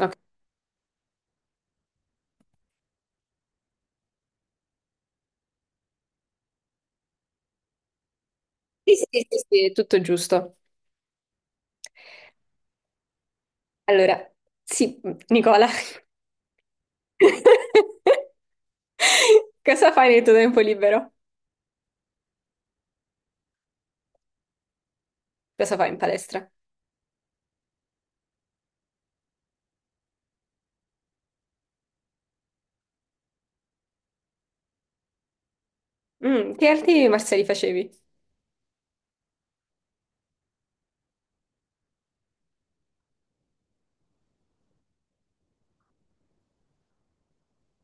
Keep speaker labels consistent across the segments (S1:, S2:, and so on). S1: Ok. Sì, sì, sì, sì, sì, è tutto giusto. Allora, sì, Nicola, cosa fai nel tuo tempo libero? Cosa fai in palestra? Che arti marziali facevi?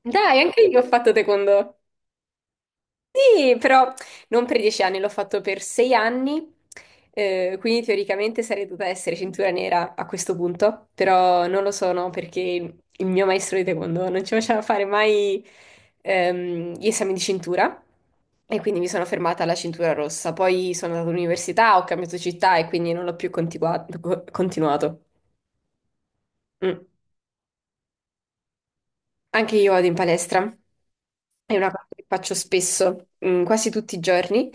S1: Dai, anche io ho fatto taekwondo. Sì, però non per 10 anni, l'ho fatto per 6 anni, quindi teoricamente sarei dovuta essere cintura nera a questo punto, però non lo sono perché il mio maestro di taekwondo non ci faceva fare mai gli esami di cintura, e quindi mi sono fermata alla cintura rossa. Poi sono andata all'università, ho cambiato città e quindi non l'ho più continuato. Mm. Anche io vado in palestra, è una cosa che faccio spesso, quasi tutti i giorni.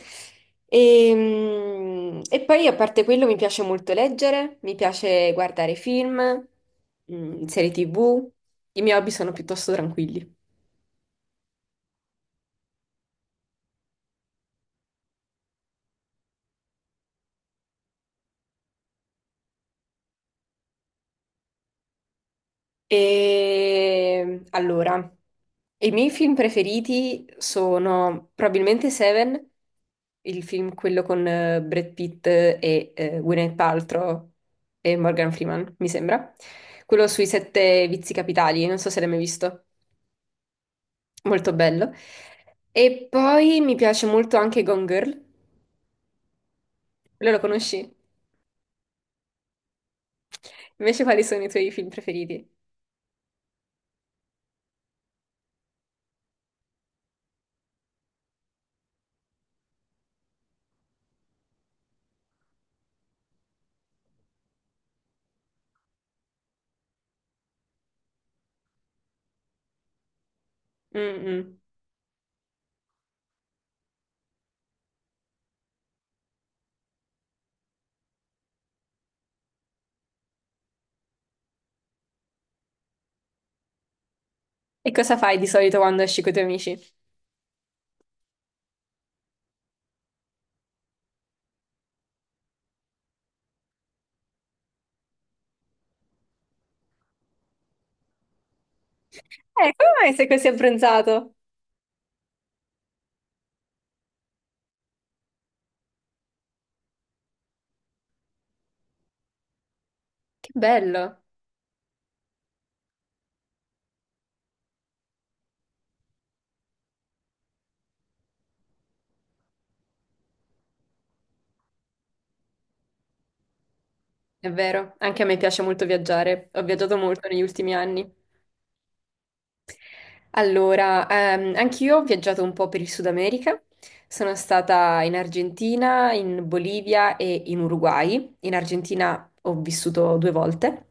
S1: E, e poi, a parte quello, mi piace molto leggere, mi piace guardare film, serie TV. I miei hobby sono piuttosto tranquilli. E allora, i miei film preferiti sono probabilmente Seven, il film quello con Brad Pitt e Gwyneth Paltrow e Morgan Freeman, mi sembra. Quello sui sette vizi capitali, non so se l'hai mai visto, molto bello. E poi mi piace molto anche Gone Girl, quello lo conosci? Invece quali sono i tuoi film preferiti? Mm, mm. E cosa fai di solito quando esci con i tuoi amici? Come mai sei così abbronzato? Che bello. È vero, anche a me piace molto viaggiare, ho viaggiato molto negli ultimi anni. Allora, anch'io ho viaggiato un po' per il Sud America. Sono stata in Argentina, in Bolivia e in Uruguay. In Argentina ho vissuto due volte.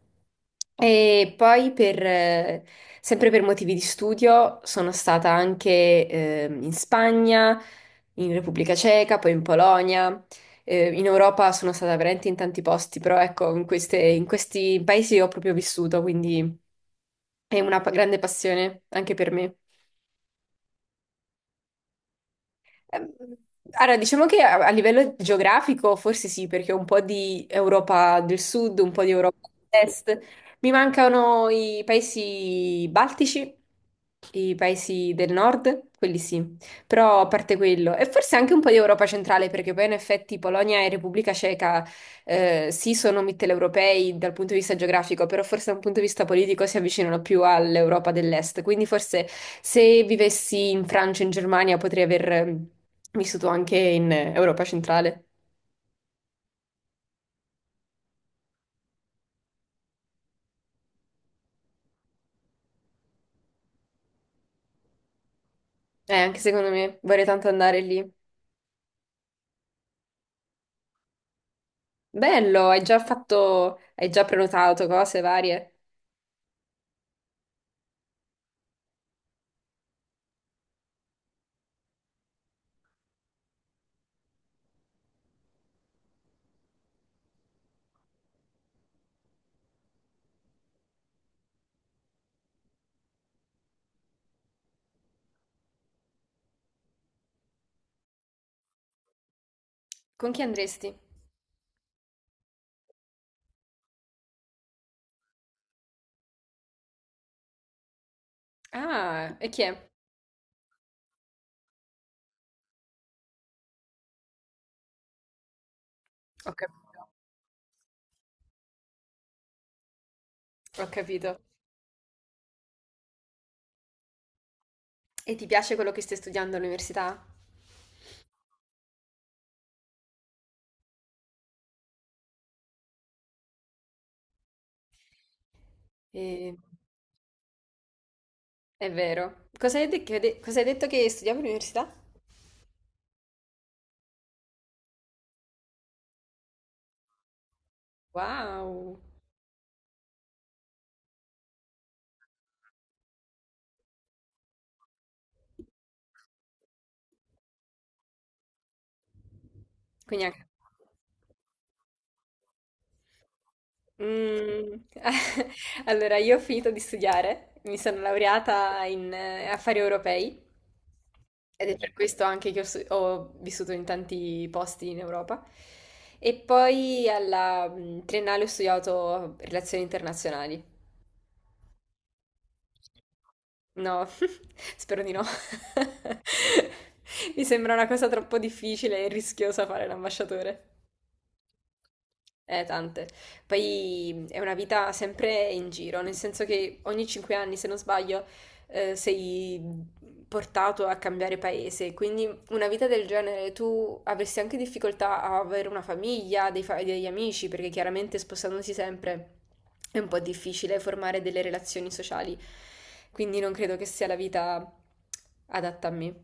S1: E poi, per, sempre per motivi di studio, sono stata anche in Spagna, in Repubblica Ceca, poi in Polonia. In Europa sono stata veramente in tanti posti, però ecco, in in questi paesi ho proprio vissuto, quindi è una grande passione anche per me. Ehm, Allora, diciamo che a livello geografico forse sì, perché ho un po' di Europa del Sud, un po' di Europa dell'Est. Mi mancano i paesi baltici, i paesi del Nord, quelli sì, però a parte quello. E forse anche un po' di Europa centrale, perché poi in effetti Polonia e Repubblica Ceca sì, sono mitteleuropei dal punto di vista geografico, però forse da un punto di vista politico si avvicinano più all'Europa dell'Est. Quindi forse se vivessi in Francia, in Germania, potrei aver vissuto anche in Europa centrale. Anche secondo me vorrei tanto andare lì. Bello, hai già fatto, hai già prenotato cose varie. Con chi andresti? Ah, e chi è? Ho capito, ho capito. E ti piace quello che stai studiando all'università? E... È vero. Cosa hai cosa hai detto che studiavo all'università? Wow. Quindi anche... Mm. Allora, io ho finito di studiare, mi sono laureata in affari europei, ed è per questo anche che ho, ho vissuto in tanti posti in Europa. E poi alla triennale ho studiato relazioni internazionali. No, spero di no. Mi sembra una cosa troppo difficile e rischiosa fare l'ambasciatore. Tante. Poi è una vita sempre in giro, nel senso che ogni 5 anni, se non sbaglio, sei portato a cambiare paese. Quindi una vita del genere tu avresti anche difficoltà a avere una famiglia, dei degli amici, perché chiaramente spostandosi sempre è un po' difficile formare delle relazioni sociali. Quindi non credo che sia la vita adatta a me.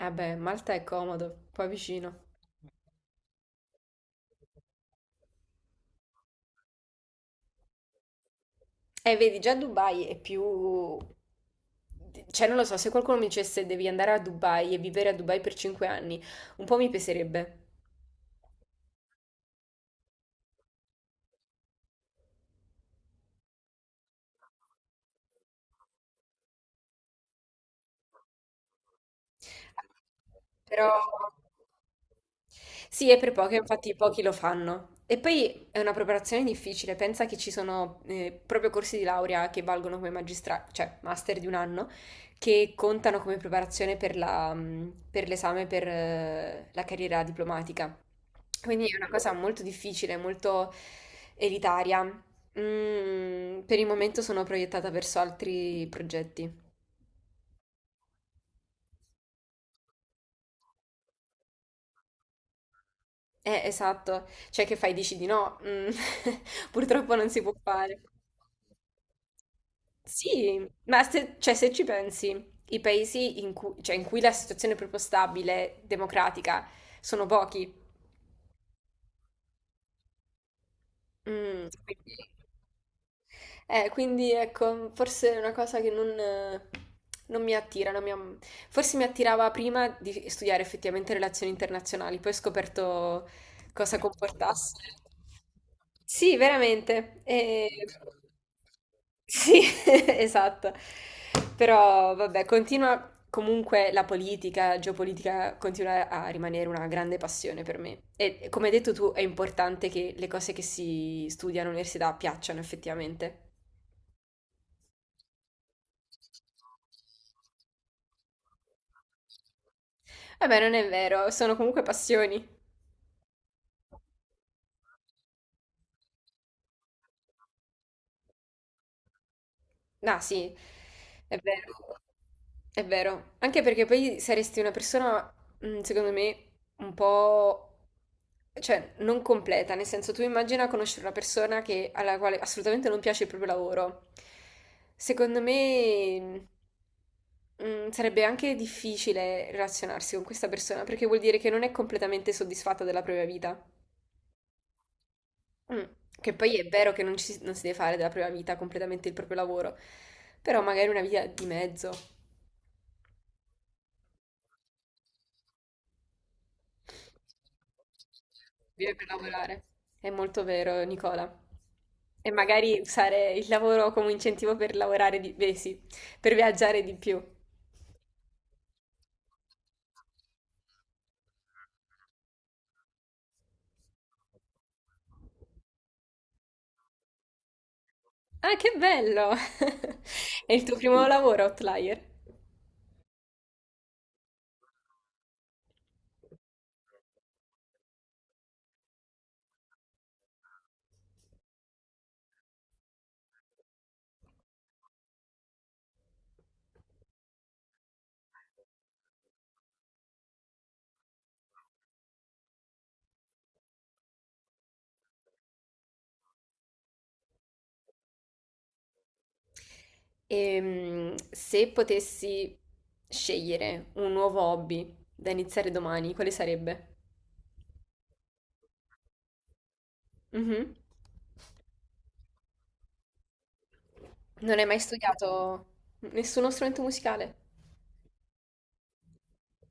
S1: Vabbè, Malta è comodo, poi vicino. Vedi, già Dubai è più... Cioè, non lo so, se qualcuno mi dicesse devi andare a Dubai e vivere a Dubai per 5 anni, un po' mi peserebbe. Però, sì, è per poche, infatti pochi lo fanno. E poi è una preparazione difficile, pensa che ci sono proprio corsi di laurea che valgono come magistra, cioè master di un anno, che contano come preparazione per la, per l'esame per la carriera diplomatica. Quindi è una cosa molto difficile, molto elitaria. Per il momento sono proiettata verso altri progetti. Esatto. Cioè, che fai? Dici di no? Mm. Purtroppo non si può fare. Sì, ma se, cioè, se ci pensi, i paesi in cui, cioè, in cui la situazione è proprio stabile, democratica, sono pochi. Quindi- quindi ecco, forse è una cosa che non, non mi attira, non mi forse mi attirava prima di studiare effettivamente relazioni internazionali, poi ho scoperto cosa comportasse. Sì, veramente. E... Sì, esatto. Però vabbè, continua comunque la politica, la geopolitica continua a rimanere una grande passione per me. E come hai detto tu, è importante che le cose che si studiano all'università piacciono effettivamente. Vabbè, non è vero, sono comunque passioni. Ah, sì, è vero, è vero. Anche perché poi saresti una persona, secondo me, un po'... cioè, non completa, nel senso tu immagina conoscere una persona che- alla quale assolutamente non piace il proprio lavoro. Secondo me, sarebbe anche difficile relazionarsi con questa persona perché vuol dire che non è completamente soddisfatta della propria vita. Mm. Che poi è vero che non, ci, si non si deve fare della propria vita completamente il proprio lavoro, però magari una vita di mezzo, vive per lavorare. È molto vero, Nicola. E magari usare il lavoro come incentivo per lavorare di, beh, sì, per viaggiare di più. Ah, che bello! È il tuo primo lavoro, Outlier. E se potessi scegliere un nuovo hobby da iniziare domani, quale sarebbe? Mhm. Non hai mai studiato nessuno strumento musicale?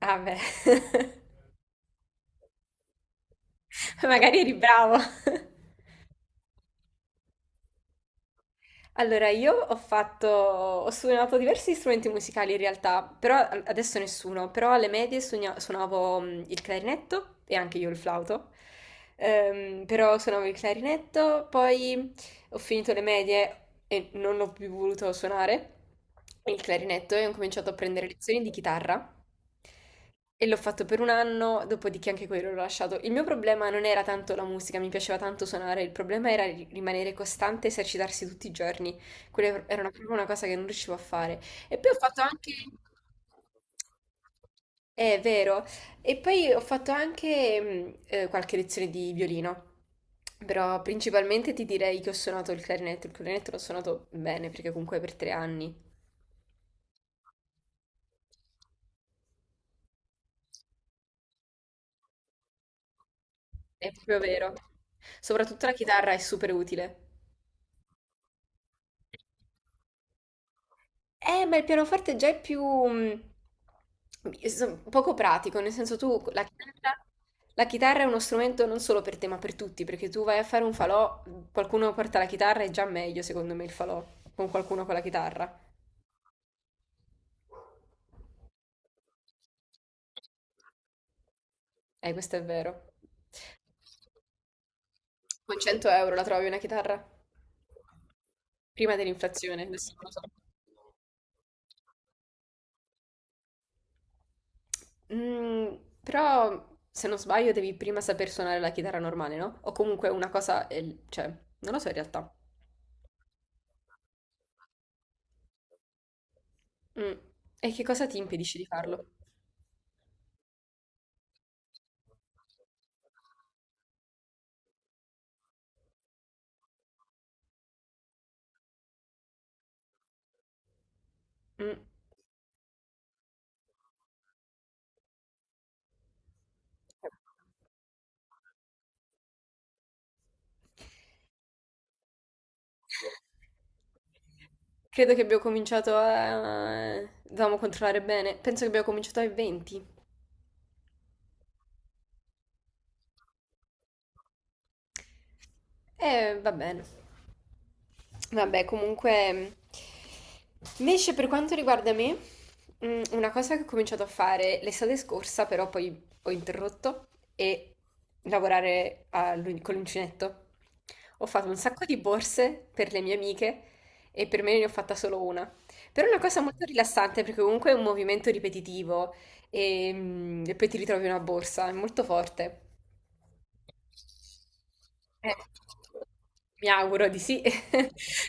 S1: Ah beh, magari eri bravo. Allora, io ho fatto, ho suonato diversi strumenti musicali in realtà, però adesso nessuno, però alle medie suonavo il clarinetto e anche io il flauto. Però suonavo il clarinetto, poi ho finito le medie e non ho più voluto suonare il clarinetto e ho cominciato a prendere lezioni di chitarra. E l'ho fatto per un anno, dopodiché anche quello l'ho lasciato. Il mio problema non era tanto la musica, mi piaceva tanto suonare, il problema era rimanere costante, esercitarsi tutti i giorni. Quella era proprio una cosa che non riuscivo a fare. E poi ho fatto anche... È vero. E poi ho fatto anche qualche lezione di violino, però principalmente ti direi che ho suonato il clarinetto. Il clarinetto l'ho suonato bene perché comunque è per 3 anni. È proprio vero. Soprattutto la chitarra è super utile. Ma il pianoforte già è più poco pratico, nel senso tu la chitarra è uno strumento non solo per te, ma per tutti, perché tu vai a fare un falò, qualcuno porta la chitarra, è già meglio secondo me il falò con qualcuno con la chitarra. Questo è vero. Con 100 euro la trovi una chitarra? Prima dell'inflazione, adesso non lo so. Mm, però, se non sbaglio, devi prima saper suonare la chitarra normale, no? O comunque una cosa, cioè, non lo so in realtà. Mm. E che cosa ti impedisce di farlo? Mm. Credo che abbiamo cominciato a... dovevamo controllare bene. Penso che abbiamo cominciato ai 20. Va bene. Vabbè, comunque, invece per quanto riguarda me, una cosa che ho cominciato a fare l'estate scorsa, però poi ho interrotto, è lavorare con l'uncinetto. Ho fatto un sacco di borse per le mie amiche e per me ne ho fatta solo una. Però è una cosa molto rilassante perché comunque è un movimento ripetitivo e, e poi ti ritrovi una borsa, è molto forte. Mi auguro di sì,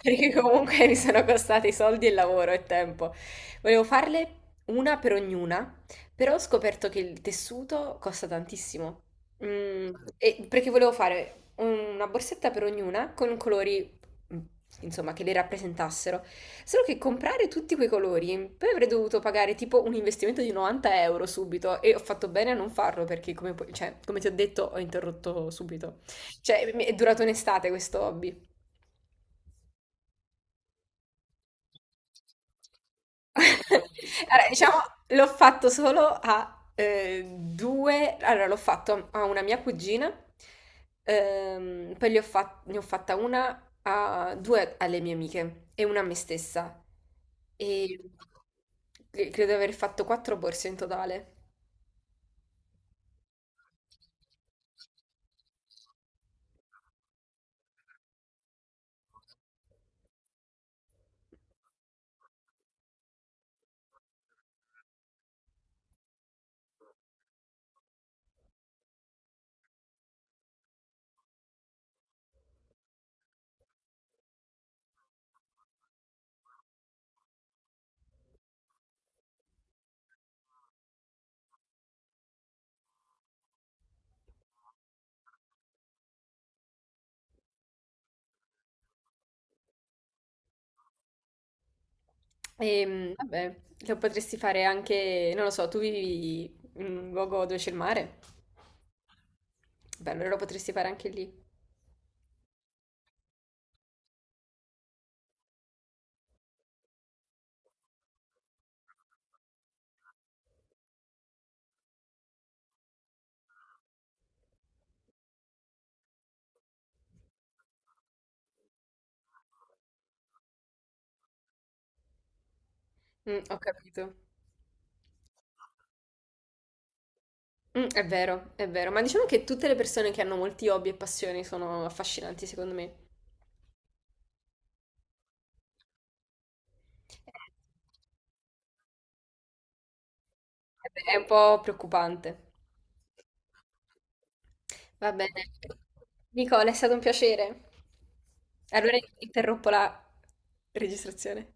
S1: perché comunque mi sono costati soldi e lavoro e tempo. Volevo farle una per ognuna, però ho scoperto che il tessuto costa tantissimo. Mm, e perché volevo fare una borsetta per ognuna con colori, mm, insomma, che le rappresentassero. Solo che comprare tutti quei colori, poi avrei dovuto pagare tipo un investimento di 90 euro subito, e ho fatto bene a non farlo perché, come, cioè, come ti ho detto, ho interrotto subito. Cioè, è durato un'estate questo hobby. Allora, diciamo, l'ho fatto solo a due... Allora, l'ho fatto a una mia cugina, poi ne ho fatta una a due alle mie amiche e una a me stessa. E credo di aver fatto quattro borse in totale. E, vabbè, lo potresti fare anche... Non lo so, tu vivi in un luogo dove c'è il mare? Beh, allora lo potresti fare anche lì. Ho capito. È vero, ma diciamo che tutte le persone che hanno molti hobby e passioni sono affascinanti, secondo me. È un po' preoccupante. Va bene. Nicola, è stato un piacere. Allora interrompo la registrazione.